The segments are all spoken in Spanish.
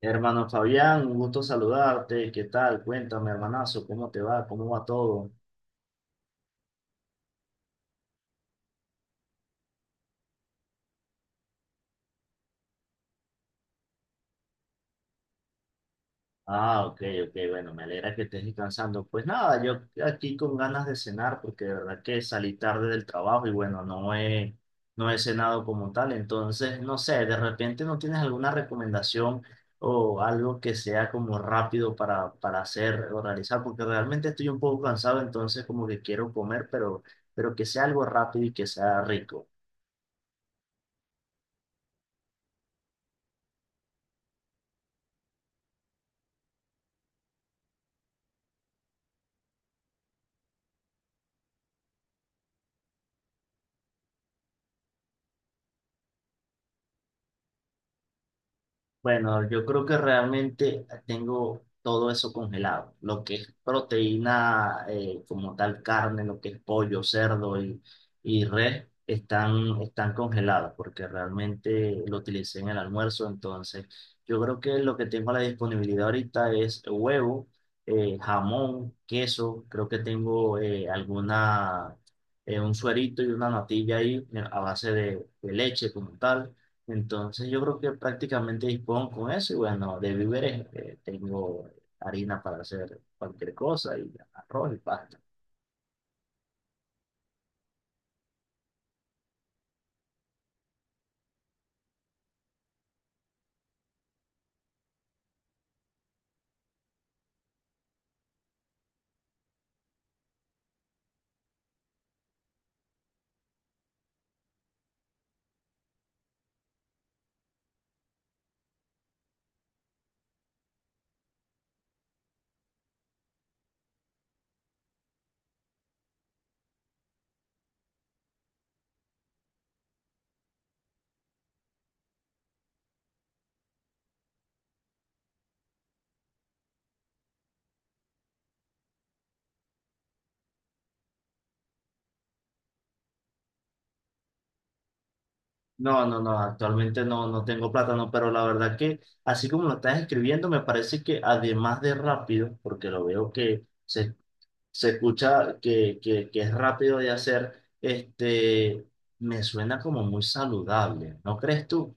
Hermano Fabián, un gusto saludarte. ¿Qué tal? Cuéntame, hermanazo, ¿cómo te va? ¿Cómo va todo? Ah, ok, ok, bueno, me alegra que estés descansando. Pues nada, yo aquí con ganas de cenar porque de verdad que salí tarde del trabajo y bueno, no he cenado como tal. Entonces, no sé, de repente no tienes alguna recomendación o algo que sea como rápido para hacer o realizar, porque realmente estoy un poco cansado, entonces como que quiero comer, pero que sea algo rápido y que sea rico. Bueno, yo creo que realmente tengo todo eso congelado, lo que es proteína como tal carne, lo que es pollo, y res, están congelados porque realmente lo utilicé en el almuerzo, entonces yo creo que lo que tengo a la disponibilidad ahorita es huevo, jamón, queso, creo que tengo un suerito y una natilla ahí a base de leche como tal. Entonces yo creo que prácticamente dispongo con eso y bueno, de víveres tengo harina para hacer cualquier cosa y arroz y pasta. No, no, no, actualmente no, no tengo plátano, pero la verdad que así como lo estás escribiendo, me parece que además de rápido, porque lo veo se escucha que es rápido de hacer, este, me suena como muy saludable, ¿no crees tú?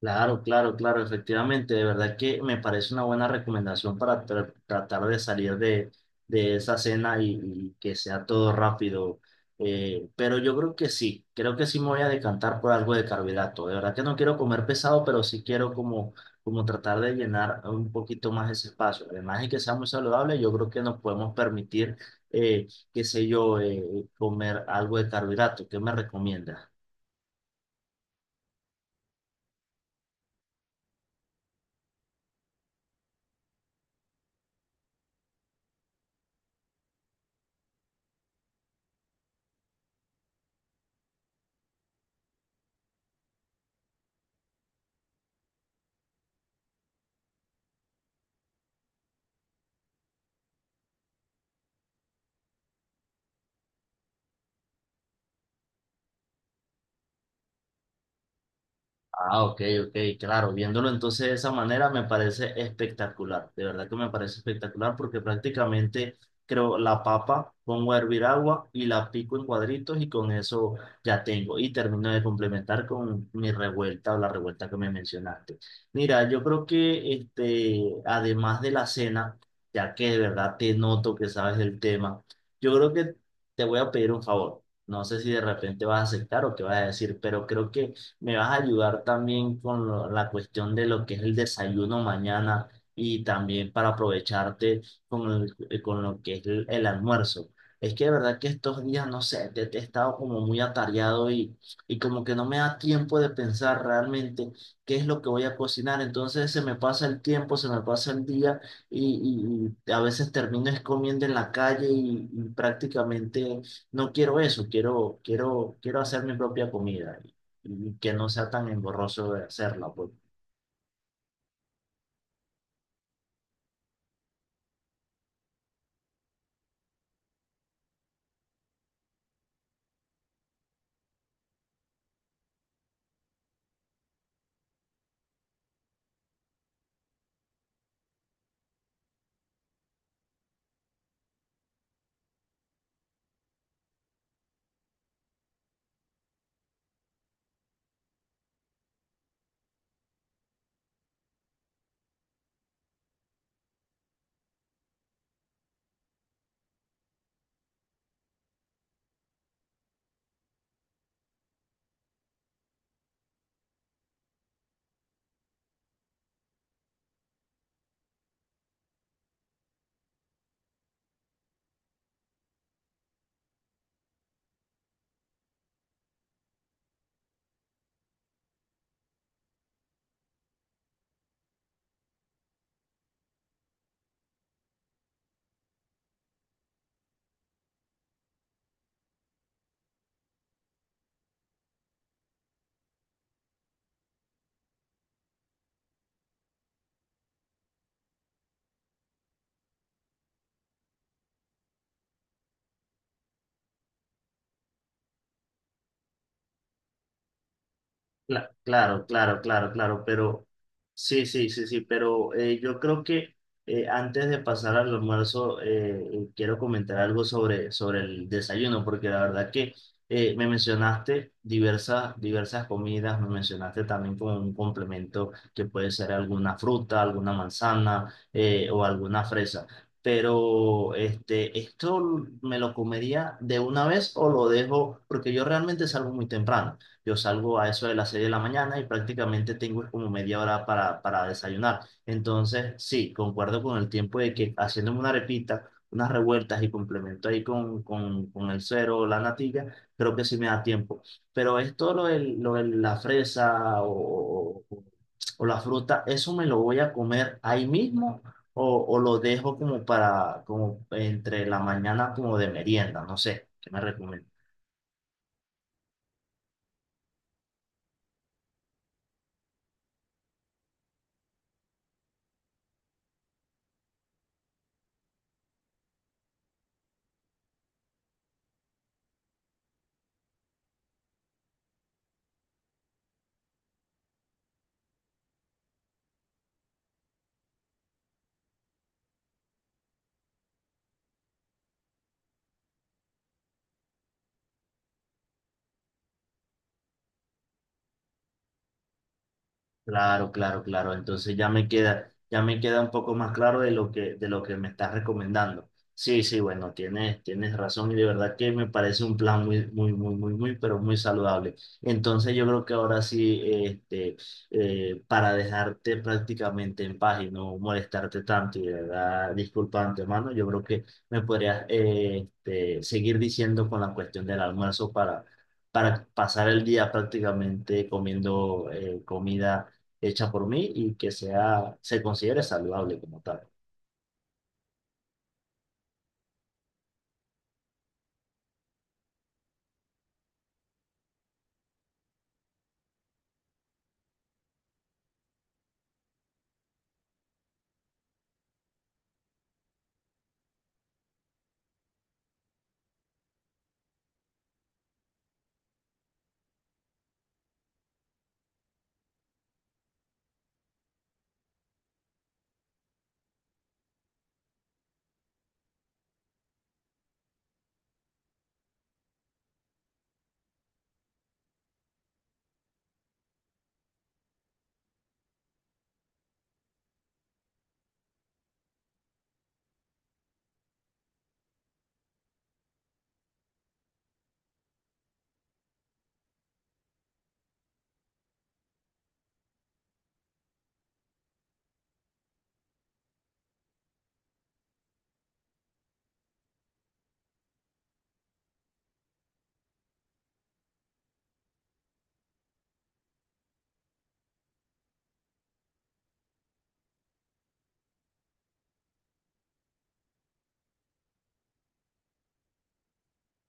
Claro, claro, claro, efectivamente, de verdad que me parece una buena recomendación para tratar de salir de esa cena y que sea todo rápido. Pero yo creo que sí me voy a decantar por algo de carbohidrato. De verdad que no quiero comer pesado, pero sí quiero como, como tratar de llenar un poquito más ese espacio. Además de que sea muy saludable, yo creo que nos podemos permitir, eh, qué sé yo, comer algo de carbohidrato. ¿Qué me recomiendas? Ah, ok, ok, claro, viéndolo entonces de esa manera me parece espectacular, de verdad que me parece espectacular porque prácticamente creo la papa, pongo a hervir agua y la pico en cuadritos y con eso ya tengo y termino de complementar con mi revuelta o la revuelta que me mencionaste. Mira, yo creo que este, además de la cena, ya que de verdad te noto que sabes del tema, yo creo que te voy a pedir un favor, no sé si de repente vas a aceptar o qué vas a decir, pero creo que me vas a ayudar también con la cuestión de lo que es el desayuno mañana y también para aprovecharte con, con lo que es el almuerzo. Es que de verdad que estos días, no sé, te he estado como muy atareado y como que no me da tiempo de pensar realmente qué es lo que voy a cocinar. Entonces se me pasa el tiempo, se me pasa el día y, y a veces termino es comiendo en la calle y prácticamente no quiero eso, quiero, quiero, quiero hacer mi propia comida y que no sea tan engorroso de hacerla, pues. Claro, claro, claro, claro, pero sí, sí, sí, sí, pero yo creo que antes de pasar al almuerzo quiero comentar algo sobre, sobre el desayuno, porque la verdad que me mencionaste diversas, diversas comidas, me mencionaste también como un complemento que puede ser alguna fruta, alguna manzana o alguna fresa, pero este, ¿esto me lo comería de una vez o lo dejo? Porque yo realmente salgo muy temprano. Yo salgo a eso de las 6 de la mañana y prácticamente tengo como media hora para desayunar. Entonces, sí, concuerdo con el tiempo de que haciéndome una arepita, unas revueltas y complemento ahí con, con el cero o la natilla, creo que sí me da tiempo. Pero esto, lo de la fresa o la fruta, ¿eso me lo voy a comer ahí mismo o lo dejo como para, como entre la mañana como de merienda? No sé, ¿qué me recomiendas? Claro, claro, claro. Entonces ya me queda un poco más claro de lo que me estás recomendando. Sí, sí, bueno, tienes, tienes razón y de verdad que me parece un plan muy, muy, muy, muy, muy, pero muy saludable. Entonces yo creo que ahora sí, este, para dejarte prácticamente en paz y no molestarte tanto y de verdad, disculpa de antemano, yo creo que me podrías, este, seguir diciendo con la cuestión del almuerzo para pasar el día prácticamente comiendo comida hecha por mí y que sea, se considere saludable como tal.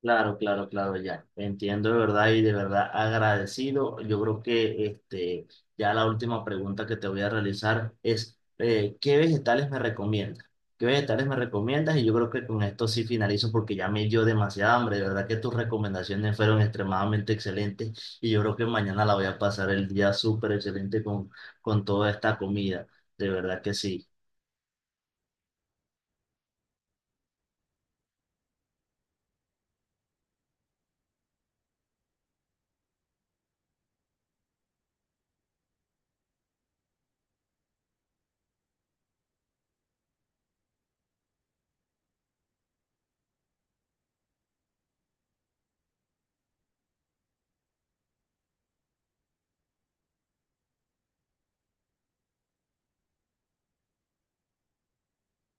Claro, claro, claro, ya. Entiendo de verdad y de verdad agradecido. Yo creo que este, ya la última pregunta que te voy a realizar es, ¿qué vegetales me recomiendas? ¿Qué vegetales me recomiendas? Y yo creo que con esto sí finalizo porque ya me dio demasiada hambre. De verdad que tus recomendaciones fueron extremadamente excelentes y yo creo que mañana la voy a pasar el día súper excelente con toda esta comida. De verdad que sí.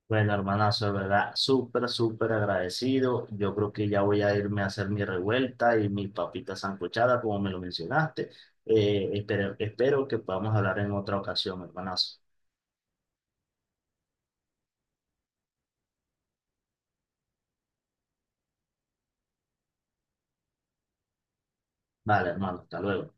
Bueno, hermanazo, de verdad, súper, súper agradecido. Yo creo que ya voy a irme a hacer mi revuelta y mi papita sancochada como me lo mencionaste. Espero, espero que podamos hablar en otra ocasión, hermanazo. Vale, hermano, hasta luego.